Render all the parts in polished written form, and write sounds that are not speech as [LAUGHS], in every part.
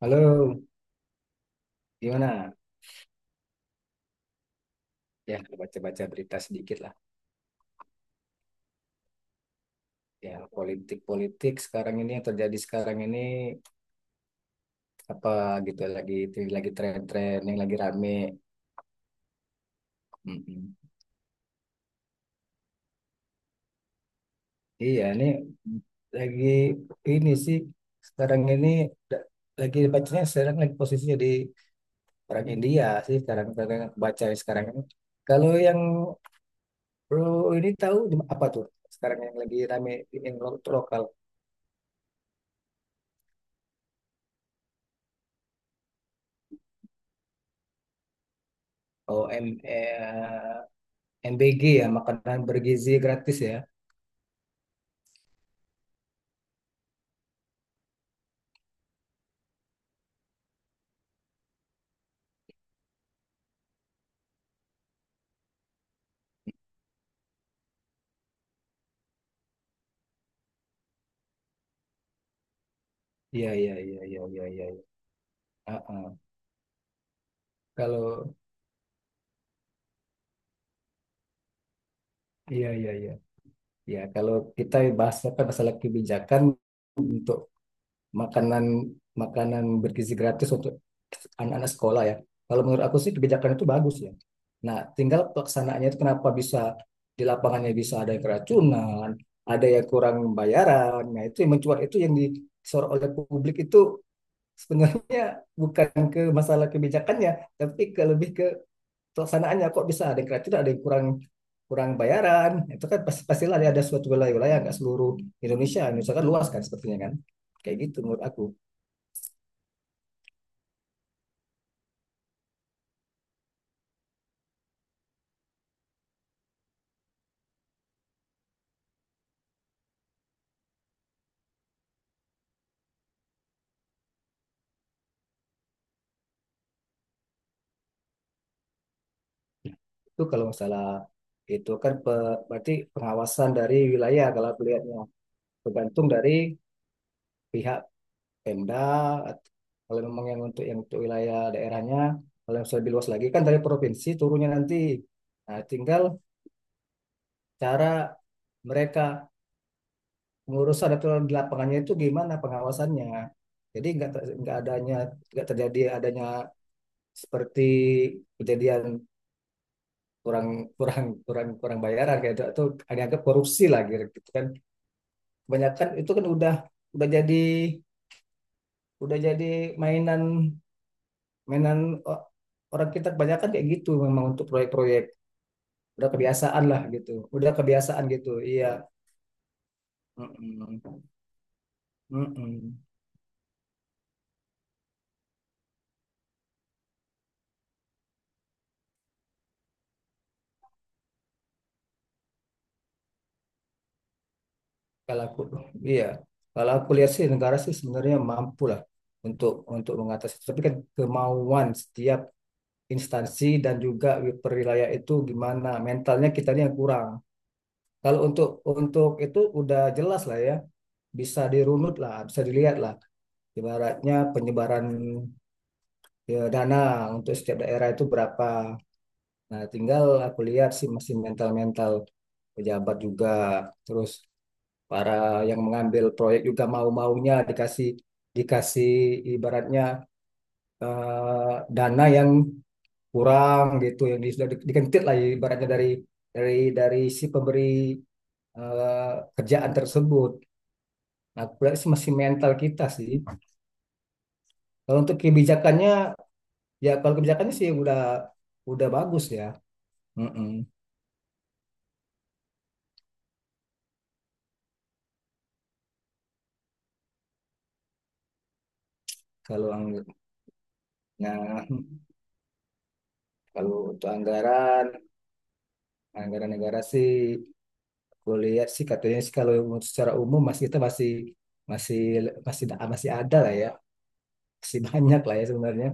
Halo, gimana? Ya, baca-baca berita sedikit lah. Ya, politik-politik sekarang ini yang terjadi sekarang ini apa gitu lagi tren-tren yang lagi rame. Mm-mm. Iya, ini lagi ini sih sekarang ini da- lagi bacanya sekarang lagi posisi di orang India sih sekarang sekarang yang baca sekarang ini. Kalau yang bro ini tahu apa tuh? Sekarang yang lagi rame yang lokal. OM MBG ya, makanan bergizi gratis ya. Iya, iya, iya, iya, iya, iya, iya. Ah, ah. Kalau iya, iya, iya. Ya, kalau kita bahas apa masalah kebijakan untuk makanan makanan bergizi gratis untuk anak-anak sekolah ya. Kalau menurut aku sih kebijakan itu bagus ya. Nah, tinggal pelaksanaannya itu kenapa bisa di lapangannya bisa ada yang keracunan, ada yang kurang bayaran. Nah, itu yang mencuat itu yang disorot oleh publik itu sebenarnya bukan ke masalah kebijakannya, tapi ke lebih ke pelaksanaannya kok bisa ada yang kreatif, ada yang kurang kurang bayaran. Itu kan pasti pastilah ada suatu wilayah-wilayah nggak seluruh Indonesia, Indonesia kan luas kan sepertinya kan. Kayak gitu menurut aku. Itu kalau masalah itu kan berarti pengawasan dari wilayah kalau aku lihatnya tergantung dari pihak Pemda kalau memang yang untuk wilayah daerahnya, kalau yang lebih luas lagi kan dari provinsi turunnya nanti. Nah, tinggal cara mereka mengurus ada aturan di lapangannya itu gimana pengawasannya. Jadi nggak adanya nggak terjadi adanya seperti kejadian kurang kurang kurang kurang bayaran kayak itu atau agak korupsi lah gitu gitu kan. Kebanyakan itu kan udah udah jadi udah jadi mainan mainan orang kita kebanyakan kayak gitu memang untuk proyek-proyek, udah kebiasaan lah gitu, udah kebiasaan gitu iya. Mm-mm. Mm-mm. Kalau aku, iya, kalau aku lihat sih negara sih sebenarnya mampu lah untuk mengatasi. Tapi kan kemauan setiap instansi dan juga perwilayah itu gimana mentalnya kita ini yang kurang. Kalau untuk itu udah jelas lah ya, bisa dirunut lah, bisa dilihat lah. Ibaratnya penyebaran ya, dana untuk setiap daerah itu berapa. Nah, tinggal aku lihat sih masih mental-mental pejabat juga terus para yang mengambil proyek juga mau-maunya dikasih dikasih ibaratnya dana yang kurang gitu yang dikentit lah ibaratnya dari dari dari si pemberi, kerjaan tersebut. Nah, aku masih mental kita sih. Kalau untuk kebijakannya, ya kalau kebijakannya sih udah bagus ya. Mm-mm. Kalau angg- nah, kalau untuk anggaran anggaran negara sih, gue lihat sih katanya sih kalau secara umum masih kita masih masih masih masih ada lah ya, masih [LAUGHS] banyak lah ya sebenarnya.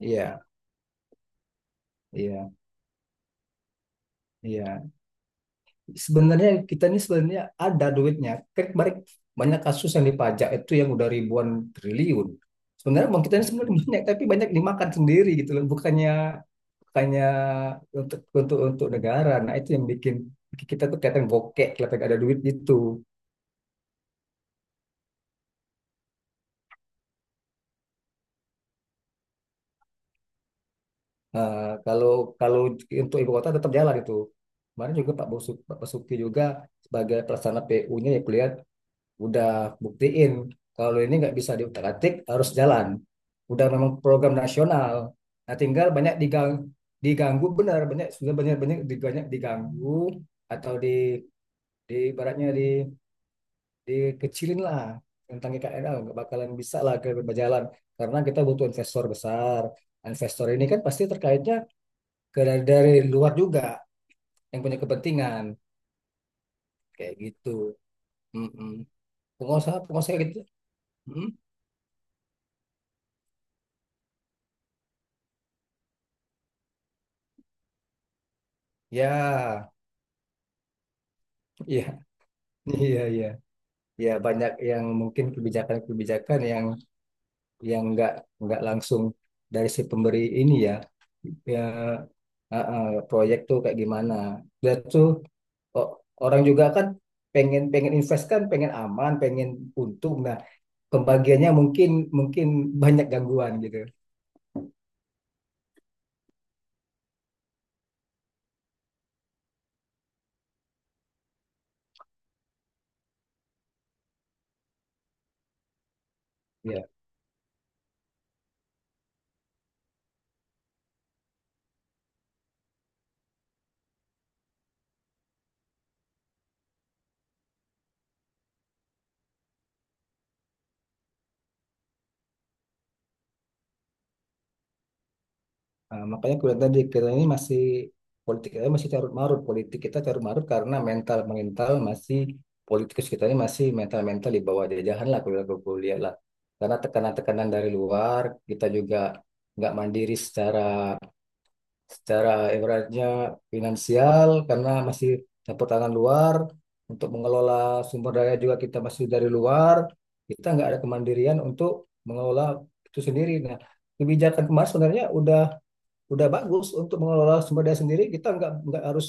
Iya, iya, iya. Sebenarnya kita ini sebenarnya ada duitnya. Kan banyak banyak kasus yang dipajak itu yang udah ribuan triliun. Sebenarnya uang kita ini sebenarnya [LAUGHS] banyak, tapi banyak dimakan sendiri gitu loh. Bukannya bukannya untuk untuk negara. Nah itu yang bikin kita tuh kelihatan bokek, kelihatan gak ada duit gitu. Nah, kalau kalau untuk ibu kota tetap jalan itu. Kemarin juga Pak Basuki, Pak Basuki juga sebagai pelaksana PU-nya ya kulihat udah buktiin kalau ini nggak bisa diutak-atik, harus jalan. Udah memang program nasional. Nah, tinggal banyak diganggu benar, banyak sudah banyak banyak di- banyak diganggu atau di baratnya di dikecilin lah tentang IKN, ah nggak bakalan bisa lah ke berjalan karena kita butuh investor besar, investor ini kan pasti terkaitnya ke dari luar juga yang punya kepentingan kayak gitu. Mm-mm. Pengusaha pengusaha gitu. Mm. Ya, iya, iya, iya. Ya banyak yang mungkin kebijakan-kebijakan yang nggak langsung dari si pemberi ini ya. Ya proyek tuh kayak gimana. Dan tuh o- orang juga kan pengen pengen invest kan, pengen aman, pengen untung, nah pembagiannya mungkin mungkin banyak gangguan gitu. Ya. Nah, makanya aku bilang tadi kita ini masih politik kita masih carut marut, politik kita carut marut karena mental mental masih, politikus kita ini masih mental mental di bawah jajahan lah kalau aku aku lihat lah, karena tekanan-tekanan dari luar kita juga nggak mandiri secara secara ibaratnya finansial karena masih campur tangan luar untuk mengelola sumber daya juga kita masih dari luar, kita nggak ada kemandirian untuk mengelola itu sendiri. Nah, kebijakan kemarin sebenarnya udah bagus untuk mengelola sumber daya sendiri, kita nggak harus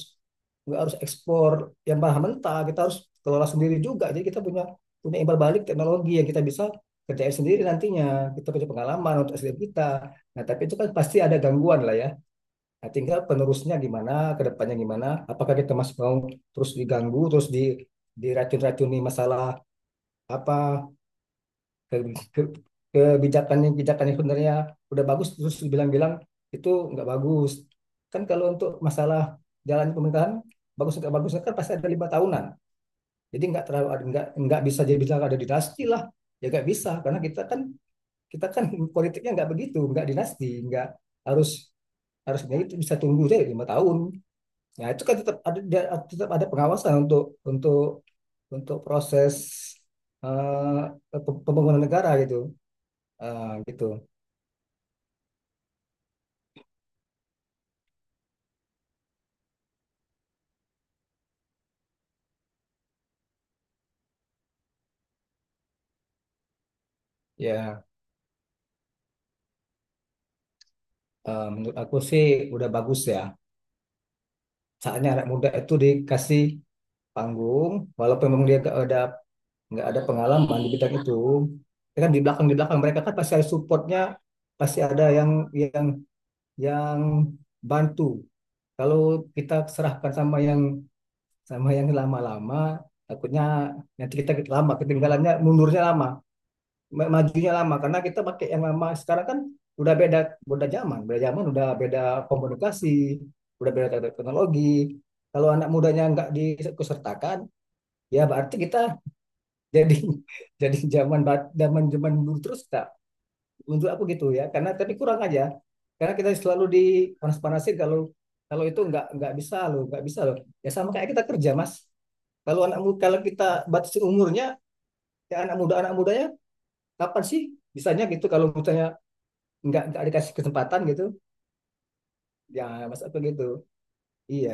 nggak harus ekspor yang bahan mentah, kita harus kelola sendiri juga jadi kita punya punya imbal balik teknologi yang kita bisa kerjain sendiri, nantinya kita punya pengalaman untuk SDM kita. Nah tapi itu kan pasti ada gangguan lah ya. Nah, tinggal penerusnya gimana, kedepannya gimana, apakah kita masih mau terus diganggu, terus di diracun-racuni masalah apa ke- ke- kebijakannya. Kebijakannya sebenarnya udah bagus, terus bilang-bilang itu nggak bagus. Kan kalau untuk masalah jalan pemerintahan bagus nggak bagusnya kan pasti ada 5 tahunan, jadi nggak terlalu nggak bisa jadi bilang ada dinasti lah. Ya nggak bisa karena kita kan [LAUGHS] politiknya nggak begitu, nggak dinasti, nggak harus harusnya itu bisa tunggu deh 5 tahun. Ya itu kan tetap ada tetap ada pengawasan untuk untuk untuk proses pembangunan negara gitu. Eh, gitu ya. Menurut aku sih udah bagus ya, saatnya anak muda itu dikasih panggung, walaupun memang dia gak ada nggak ada pengalaman di bidang itu. Ya kan di belakang mereka kan pasti ada supportnya, pasti ada yang yang yang bantu kalau kita serahkan sama yang lama-lama takutnya nanti kita lama ketinggalannya, mundurnya lama, majunya lama karena kita pakai yang lama. Sekarang kan udah beda, beda zaman, udah beda komunikasi, udah beda teknologi. Kalau anak mudanya nggak dikusertakan ya berarti kita [LAUGHS] jadi zaman ba- zaman zaman dulu terus, tak untuk aku gitu ya, karena tapi kurang aja karena kita selalu dipanas-panasin kalau kalau itu nggak bisa loh, nggak bisa loh. Ya sama kayak kita kerja, Mas, kalau kalau kita batasi umurnya, ya anak muda, anak mudanya kapan sih bisanya gitu kalau misalnya nggak dikasih kesempatan gitu. Ya Mas, apa gitu, iya.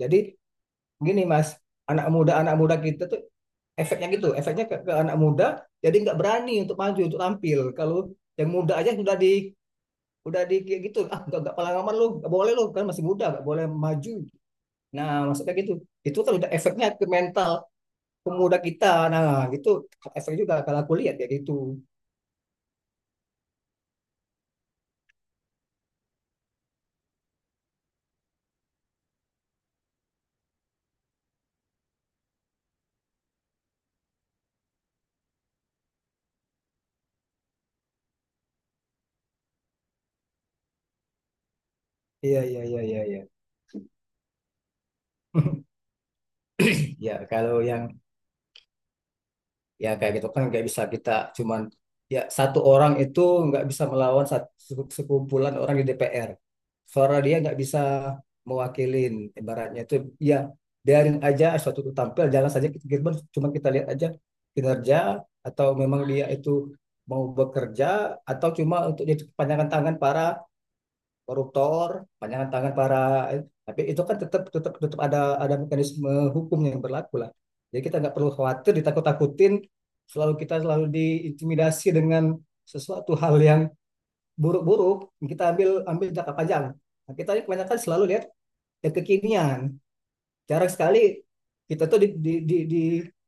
Jadi gini, Mas, anak muda kita tuh efeknya gitu, efeknya ke anak muda jadi nggak berani untuk maju, untuk tampil. Kalau yang muda aja sudah di udah di kayak gitu, ah nggak pengalaman lu, nggak boleh lu kan masih muda, nggak boleh maju. Nah maksudnya gitu, itu kan udah efeknya ke mental pemuda kita. Nah, gitu. Efek juga kalau aku lihat kayak gitu. Iya, iya, iya, iya, iya. [LAUGHS] Ya kalau yang ya kayak gitu kan nggak bisa kita, cuman ya satu orang itu nggak bisa melawan sekumpulan orang di DPR, suara dia nggak bisa mewakilin ibaratnya itu. Ya biarin aja suatu itu tampil, jalan saja kita, cuman kita lihat aja kinerja, atau memang dia itu mau bekerja atau cuma untuk jadi kepanjangan tangan para koruptor, panjangan tangan para, tapi itu kan tetap tetap tetap ada mekanisme hukum yang berlaku lah. Jadi kita nggak perlu khawatir ditakut-takutin, selalu kita selalu diintimidasi dengan sesuatu hal yang buruk-buruk. Kita ambil ambil jangka panjang. Nah, kita ini kebanyakan selalu lihat yang kekinian. Jarang sekali kita tuh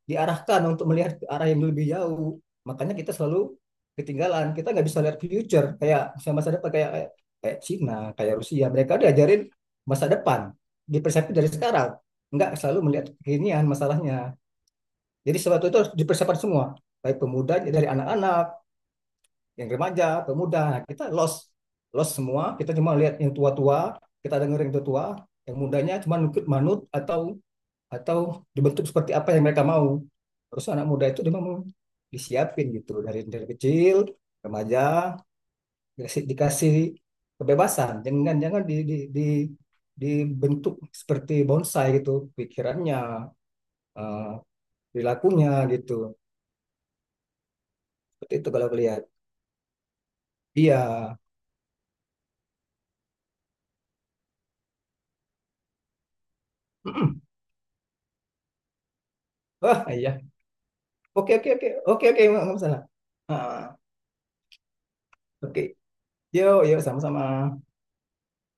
diarahkan untuk melihat ke arah yang lebih jauh. Makanya kita selalu ketinggalan. Kita nggak bisa lihat future kayak masa depan kayak kayak Cina, kayak Rusia. Mereka diajarin masa depan, dipersiapkan dari sekarang. Nggak selalu melihat kekinian masalahnya. Jadi sesuatu itu harus dipersiapkan semua. Baik pemuda dari anak-anak, yang remaja, pemuda. Nah, kita lost lost semua. Kita cuma lihat yang tua-tua, kita dengerin yang tua-tua, yang mudanya cuma nukut manut atau atau dibentuk seperti apa yang mereka mau. Terus anak muda itu dia mau disiapin gitu dari kecil remaja, dikasih, dikasih kebebasan, jangan jangan di, di dibentuk seperti bonsai gitu pikirannya, eh, perilakunya gitu. Seperti itu kalau lihat, iya. [CLEARS THROAT] Wah iya. Oke, oke, oke, oke, oke, nggak masalah. Ah, oke. Yuk yuk, sama-sama.